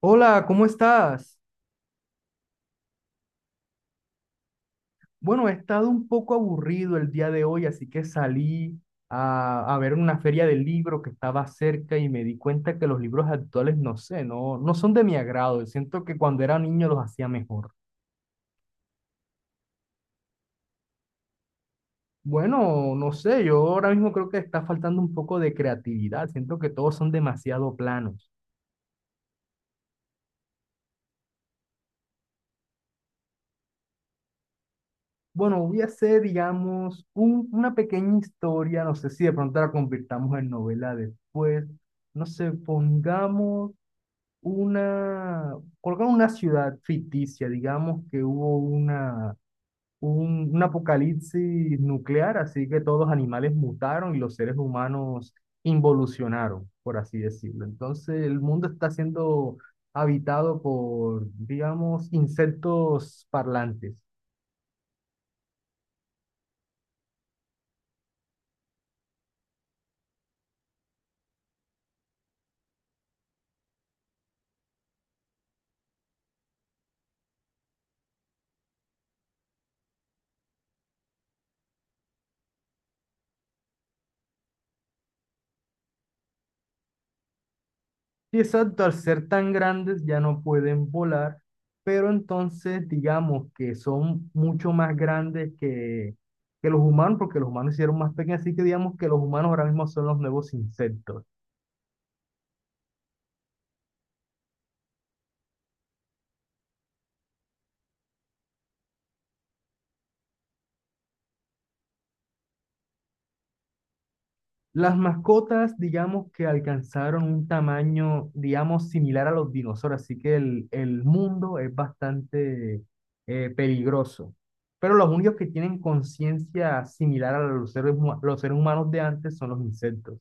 Hola, ¿cómo estás? Bueno, he estado un poco aburrido el día de hoy, así que salí a ver una feria de libro que estaba cerca y me di cuenta que los libros actuales, no sé, no son de mi agrado. Siento que cuando era niño los hacía mejor. Bueno, no sé, yo ahora mismo creo que está faltando un poco de creatividad. Siento que todos son demasiado planos. Bueno, voy a hacer, digamos, una pequeña historia. No sé si de pronto la convirtamos en novela después. No sé, pongamos una, colocar una ciudad ficticia, digamos que hubo una, un apocalipsis nuclear, así que todos los animales mutaron y los seres humanos involucionaron, por así decirlo. Entonces el mundo está siendo habitado por, digamos, insectos parlantes. Sí, exacto, al ser tan grandes ya no pueden volar, pero entonces digamos que son mucho más grandes que los humanos, porque los humanos se hicieron más pequeños, así que digamos que los humanos ahora mismo son los nuevos insectos. Las mascotas, digamos que alcanzaron un tamaño, digamos, similar a los dinosaurios, así que el mundo es bastante peligroso. Pero los únicos que tienen conciencia similar a los seres, los seres humanos de antes son los insectos.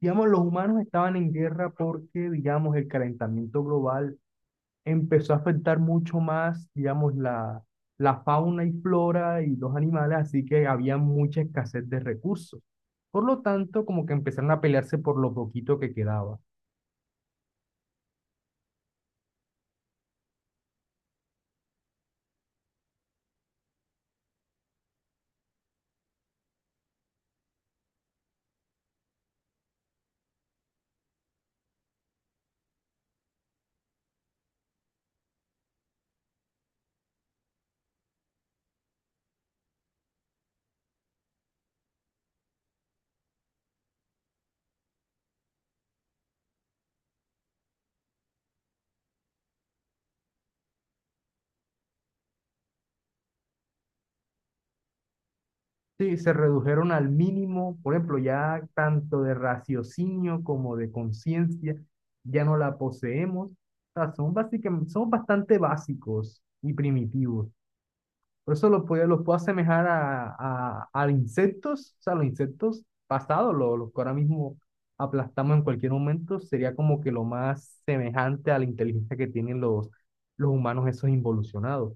Digamos, los humanos estaban en guerra porque, digamos, el calentamiento global empezó a afectar mucho más, digamos, la fauna y flora y los animales, así que había mucha escasez de recursos. Por lo tanto, como que empezaron a pelearse por lo poquito que quedaba. Sí, se redujeron al mínimo, por ejemplo, ya tanto de raciocinio como de conciencia, ya no la poseemos. O sea, son básicamente, somos bastante básicos y primitivos. Por eso lo puedo asemejar a, a insectos, o sea, los insectos pasados, los que ahora mismo aplastamos en cualquier momento, sería como que lo más semejante a la inteligencia que tienen los humanos esos involucionados.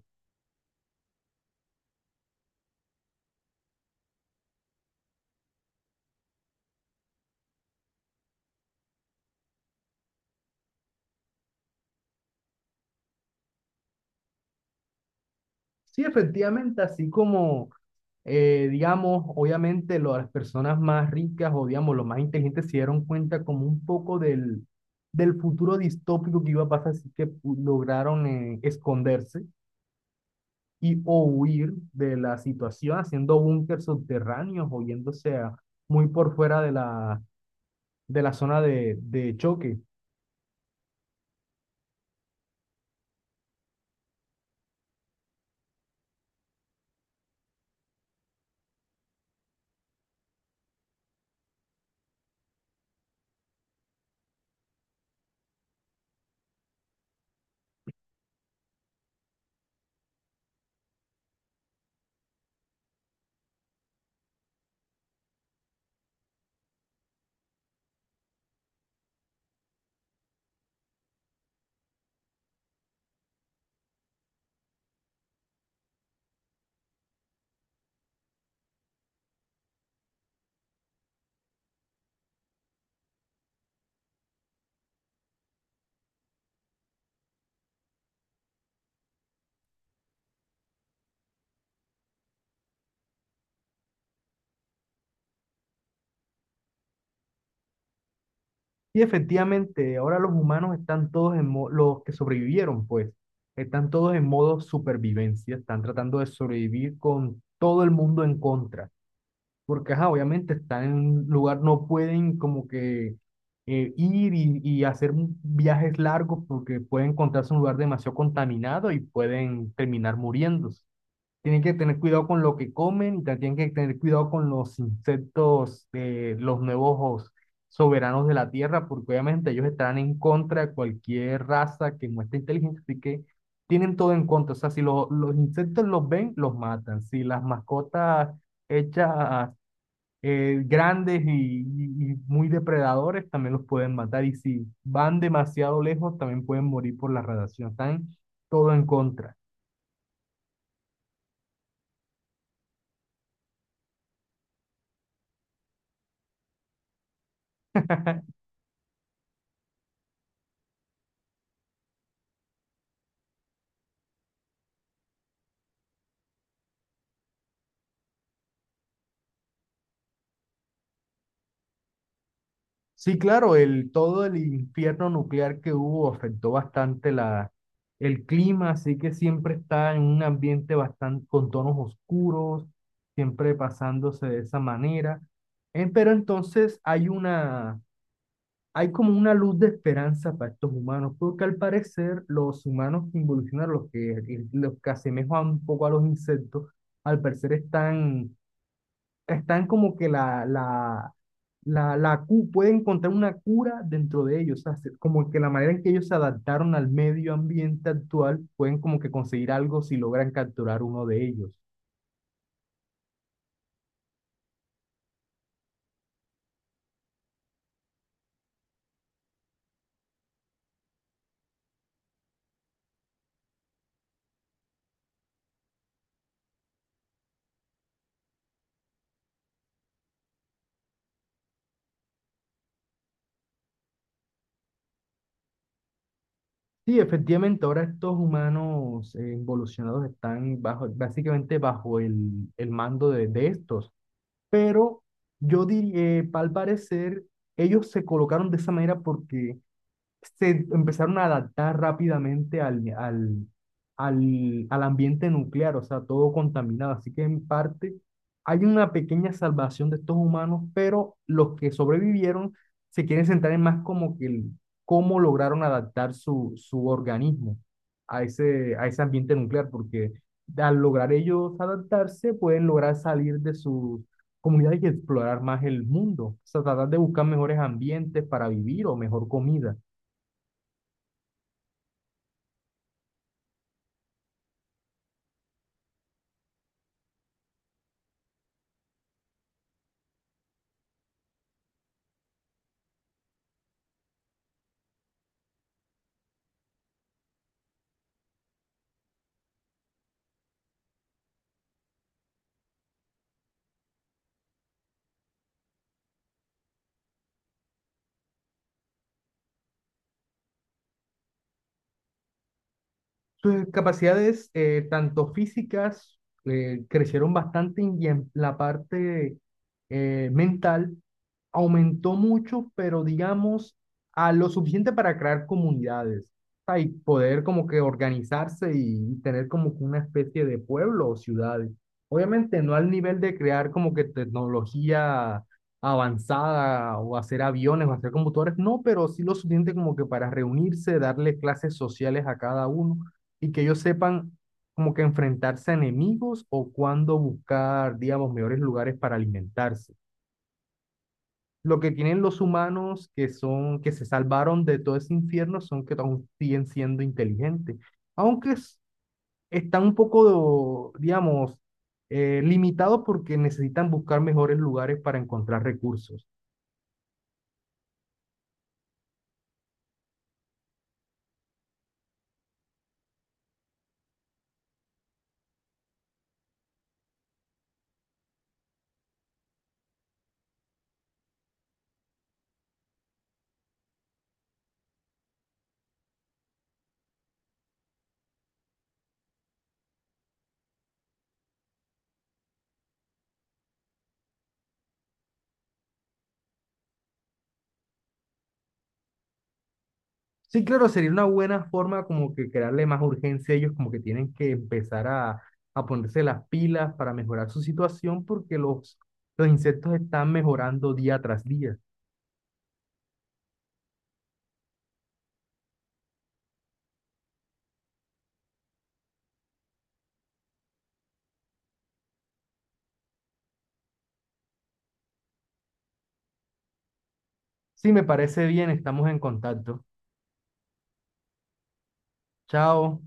Sí, efectivamente, así como, digamos, obviamente las personas más ricas o, digamos, los más inteligentes se dieron cuenta como un poco del, del futuro distópico que iba a pasar, así que lograron esconderse y o huir de la situación haciendo búnkers subterráneos o muy por fuera de la zona de choque. Y efectivamente, ahora los humanos están todos en los que sobrevivieron, pues, están todos en modo supervivencia, están tratando de sobrevivir con todo el mundo en contra. Porque ajá, obviamente están en un lugar, no pueden como que ir y hacer viajes largos porque pueden encontrarse en un lugar demasiado contaminado y pueden terminar muriéndose. Tienen que tener cuidado con lo que comen y también tienen que tener cuidado con los insectos, los nuevos soberanos de la Tierra, porque obviamente ellos estarán en contra de cualquier raza que muestre inteligencia, así que tienen todo en contra. O sea, si los insectos los ven, los matan. Si las mascotas hechas grandes y, y muy depredadores también los pueden matar. Y si van demasiado lejos, también pueden morir por la radiación. Están todo en contra. Sí, claro, el, todo el infierno nuclear que hubo afectó bastante la, el clima, así que siempre está en un ambiente bastante con tonos oscuros, siempre pasándose de esa manera. Pero entonces hay una, hay como una luz de esperanza para estos humanos, porque al parecer los humanos que involucionaron, los que asemejan un poco a los insectos, al parecer están, están como que la pueden encontrar una cura dentro de ellos, o sea, como que la manera en que ellos se adaptaron al medio ambiente actual, pueden como que conseguir algo si logran capturar uno de ellos. Sí, efectivamente, ahora estos humanos involucionados están bajo, básicamente bajo el mando de estos. Pero yo diría, al parecer, ellos se colocaron de esa manera porque se empezaron a adaptar rápidamente al ambiente nuclear, o sea, todo contaminado. Así que en parte hay una pequeña salvación de estos humanos, pero los que sobrevivieron se quieren centrar en más como que cómo lograron adaptar su, su organismo a ese ambiente nuclear, porque al lograr ellos adaptarse, pueden lograr salir de sus comunidades y explorar más el mundo, o sea, tratar de buscar mejores ambientes para vivir o mejor comida. Sus capacidades, tanto físicas, crecieron bastante y en la parte mental aumentó mucho, pero digamos, a lo suficiente para crear comunidades, ah, y poder como que organizarse y tener como que una especie de pueblo o ciudades. Obviamente no al nivel de crear como que tecnología avanzada o hacer aviones o hacer computadores, no, pero sí lo suficiente como que para reunirse, darle clases sociales a cada uno y que ellos sepan como que enfrentarse a enemigos o cuándo buscar, digamos, mejores lugares para alimentarse. Lo que tienen los humanos que son, que se salvaron de todo ese infierno son que aún siguen siendo inteligentes, aunque están un poco, digamos, limitados porque necesitan buscar mejores lugares para encontrar recursos. Sí, claro, sería una buena forma como que crearle más urgencia a ellos, como que tienen que empezar a ponerse las pilas para mejorar su situación porque los insectos están mejorando día tras día. Sí, me parece bien, estamos en contacto. Chao.